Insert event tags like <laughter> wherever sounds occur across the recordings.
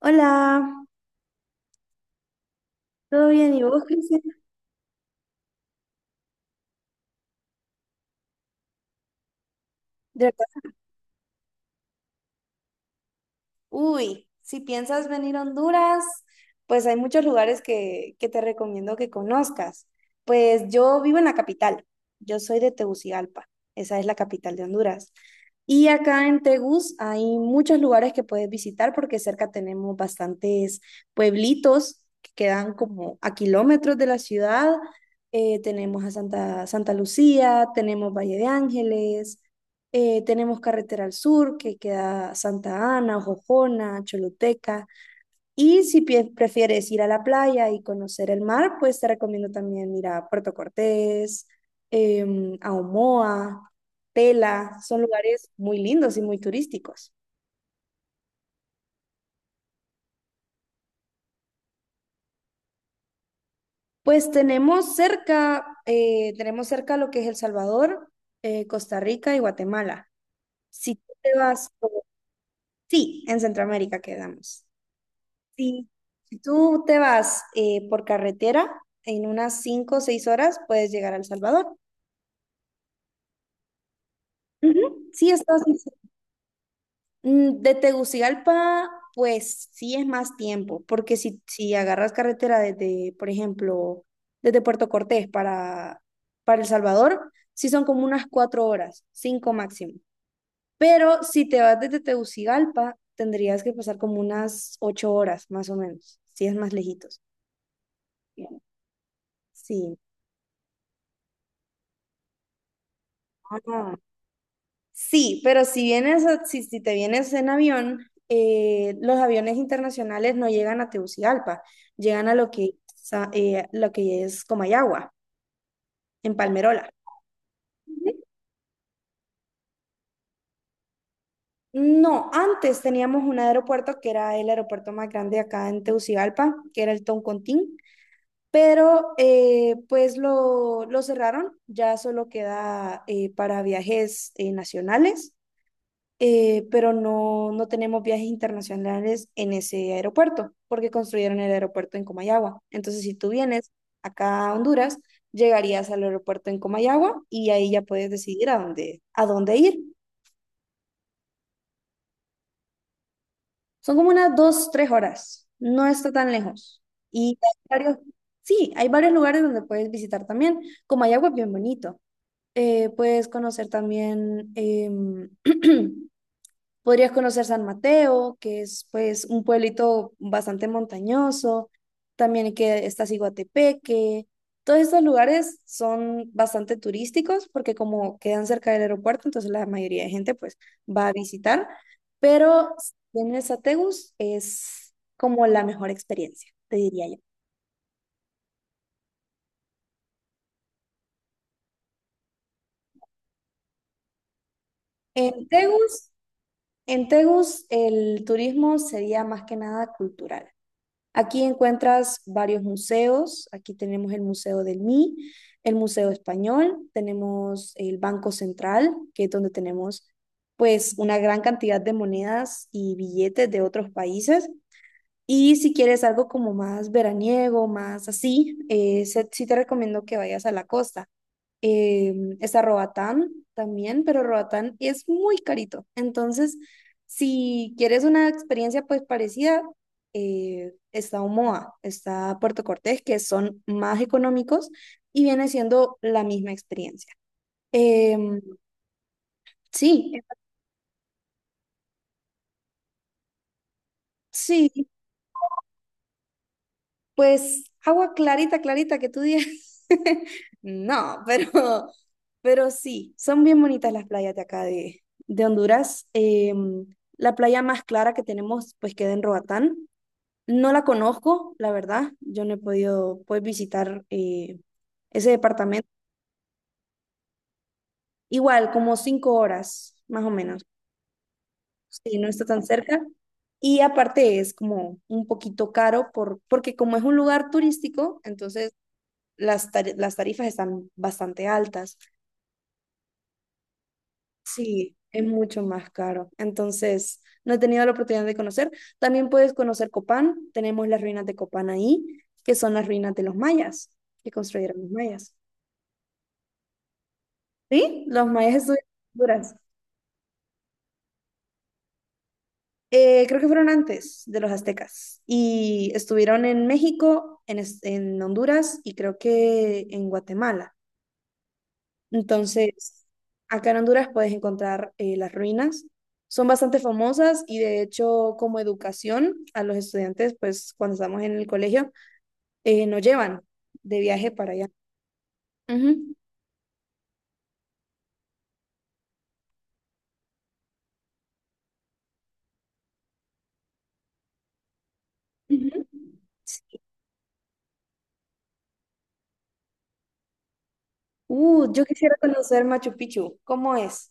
Hola, ¿todo bien? ¿Y vos, Cristian? De verdad. Uy, si piensas venir a Honduras, pues hay muchos lugares que te recomiendo que conozcas. Pues yo vivo en la capital, yo soy de Tegucigalpa, esa es la capital de Honduras. Y acá en Tegus hay muchos lugares que puedes visitar porque cerca tenemos bastantes pueblitos que quedan como a kilómetros de la ciudad. Tenemos a Santa Lucía, tenemos Valle de Ángeles. Tenemos Carretera al Sur, que queda Santa Ana, Jojona, Choluteca. Y si prefieres ir a la playa y conocer el mar, pues te recomiendo también ir a Puerto Cortés, a Omoa, Tela. Son lugares muy lindos y muy turísticos. Pues tenemos cerca lo que es El Salvador, Costa Rica y Guatemala. Si tú te vas, sí, en Centroamérica quedamos. Si, si tú te vas por carretera, en unas 5 o 6 horas puedes llegar a El Salvador. Ujú. Sí, estás de Tegucigalpa, pues sí es más tiempo, porque si agarras carretera desde, por ejemplo, desde Puerto Cortés para El Salvador, sí son como unas 4 horas, 5 máximo. Pero si te vas desde Tegucigalpa, tendrías que pasar como unas 8 horas, más o menos, si es más lejitos. Sí. Ah, sí, pero si vienes, si te vienes en avión, los aviones internacionales no llegan a Tegucigalpa, llegan a lo que lo que es Comayagua, en Palmerola. No, antes teníamos un aeropuerto que era el aeropuerto más grande acá en Tegucigalpa, que era el Toncontín, pero pues lo cerraron, ya solo queda para viajes nacionales, pero no tenemos viajes internacionales en ese aeropuerto, porque construyeron el aeropuerto en Comayagua. Entonces, si tú vienes acá a Honduras, llegarías al aeropuerto en Comayagua y ahí ya puedes decidir a a dónde ir. Son como unas dos, tres horas, no está tan lejos. Y hay varios, sí, hay varios lugares donde puedes visitar también. Comayagua es bien bonito. Puedes conocer también... <clears throat> Podrías conocer San Mateo, que es pues un pueblito bastante montañoso, también que está Ciguatepeque. Todos estos lugares son bastante turísticos porque como quedan cerca del aeropuerto, entonces la mayoría de gente pues va a visitar, pero en Tegus es como la mejor experiencia, te diría yo. En Tegus, en Tegus el turismo sería más que nada cultural. Aquí encuentras varios museos. Aquí tenemos el Museo del MI, el Museo Español, tenemos el Banco Central, que es donde tenemos pues una gran cantidad de monedas y billetes de otros países. Y si quieres algo como más veraniego, más así, sí te recomiendo que vayas a la costa. Eh, Está Roatán también, pero Roatán es muy carito. Entonces, si quieres una experiencia pues parecida, está Omoa, está Puerto Cortés, que son más económicos y viene siendo la misma experiencia. Em, sí, sí. Pues agua clarita, clarita que tú digas. <laughs> No, pero sí, son bien bonitas las playas de acá de Honduras. La playa más clara que tenemos, pues queda en Roatán. No la conozco, la verdad. Yo no he podido pues, visitar ese departamento. Igual, como cinco horas, más o menos. Sí, no está tan cerca. Y aparte es como un poquito caro porque como es un lugar turístico, entonces las tarifas están bastante altas. Sí, es mucho más caro. Entonces, no he tenido la oportunidad de conocer. También puedes conocer Copán. Tenemos las ruinas de Copán ahí, que son las ruinas de los mayas, que construyeron los mayas. ¿Sí? Los mayas estuvieron en Honduras. Creo que fueron antes de los aztecas. Y estuvieron en México, en Honduras y creo que en Guatemala. Entonces, acá en Honduras puedes encontrar las ruinas. Son bastante famosas y de hecho como educación a los estudiantes, pues cuando estamos en el colegio, nos llevan de viaje para allá. Ujú, ujú. Yo quisiera conocer Machu Picchu. ¿Cómo es?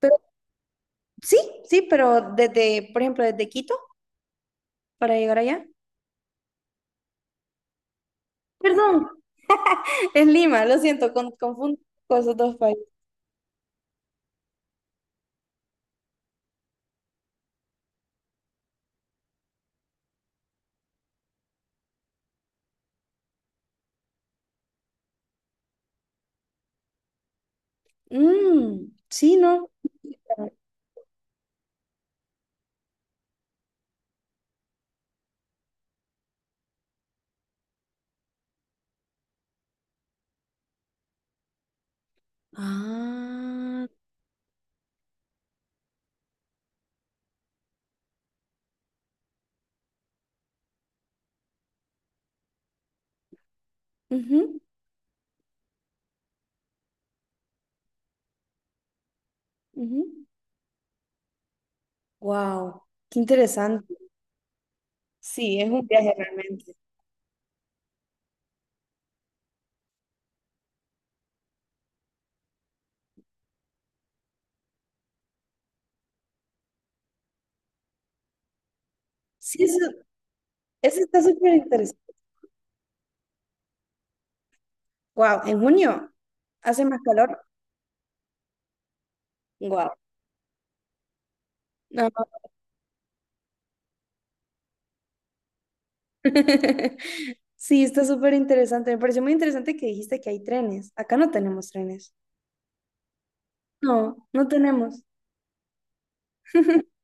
Pero, sí, sí, pero desde, por ejemplo, desde Quito para llegar allá. Perdón, <laughs> es Lima, lo siento, confundo con esos dos países. Mm, sí, ¿no? Ah, wow, qué interesante. Sí, es un viaje realmente. Sí, eso, eso está súper interesante. Wow, en junio hace más calor. Wow. No. <laughs> Sí, está súper interesante. Me pareció muy interesante que dijiste que hay trenes. Acá no tenemos trenes. No tenemos. <laughs>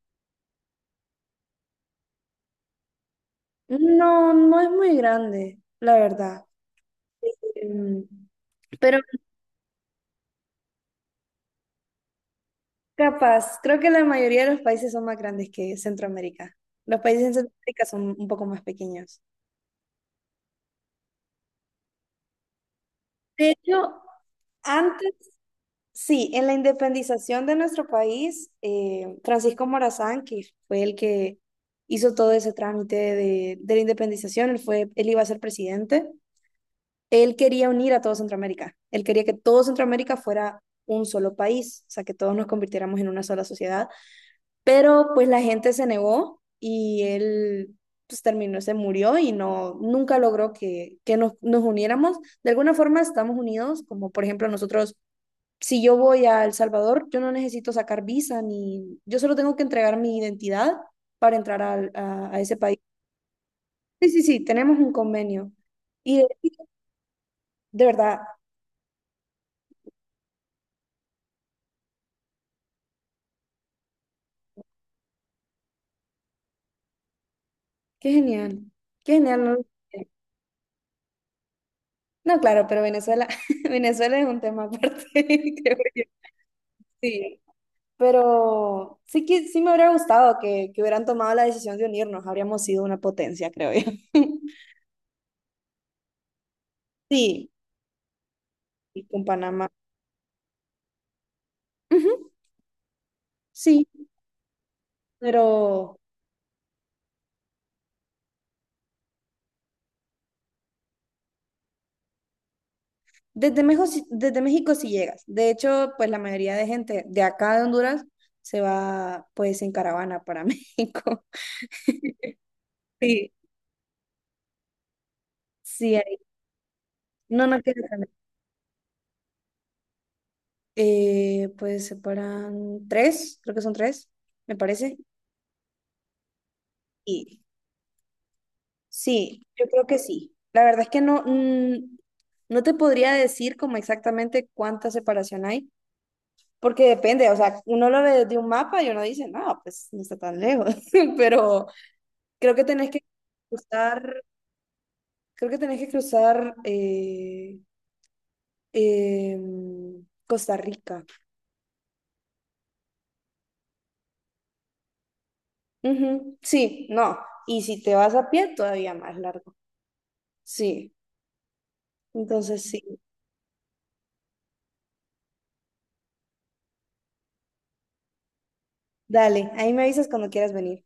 No es muy grande, la verdad. Em, Pero capaz, creo que la mayoría de los países son más grandes que Centroamérica. Los países en Centroamérica son un poco más pequeños. De hecho, antes, sí, en la independización de nuestro país, Francisco Morazán, que fue el que hizo todo ese trámite de la independización, él fue, él iba a ser presidente, él quería unir a todo Centroamérica, él quería que todo Centroamérica fuera un solo país, o sea, que todos nos convirtiéramos en una sola sociedad. Pero pues la gente se negó y él pues terminó, se murió y no, nunca logró que nos uniéramos. De alguna forma estamos unidos, como por ejemplo nosotros, si yo voy a El Salvador, yo no necesito sacar visa ni, yo solo tengo que entregar mi identidad para entrar a ese país. Sí, sí, sí, tenemos un convenio. Y de, de verdad, qué genial, qué genial. No, no, claro, pero Venezuela, <laughs> Venezuela es un tema aparte, <laughs> creo yo. Sí. Pero sí que sí me hubiera gustado que hubieran tomado la decisión de unirnos. Habríamos sido una potencia, creo yo. <laughs> Sí, y con Panamá. Ujú, sí, pero desde México sí llegas. De hecho, pues la mayoría de gente de acá de Honduras se va pues en caravana para <laughs> México. Sí, sí, ahí. No, no queda tan- pues separan tres, creo que son tres, me parece. Sí, yo creo que sí. La verdad es que no, no te podría decir como exactamente cuánta separación hay, porque depende, o sea, uno lo ve desde un mapa y uno dice, no, pues no está tan lejos, <laughs> pero creo que tenés que cruzar, creo que tenés que cruzar Costa Rica. Ujú, sí, no, y si te vas a pie, todavía más largo. Sí, entonces sí, dale, ahí me avisas cuando quieras venir.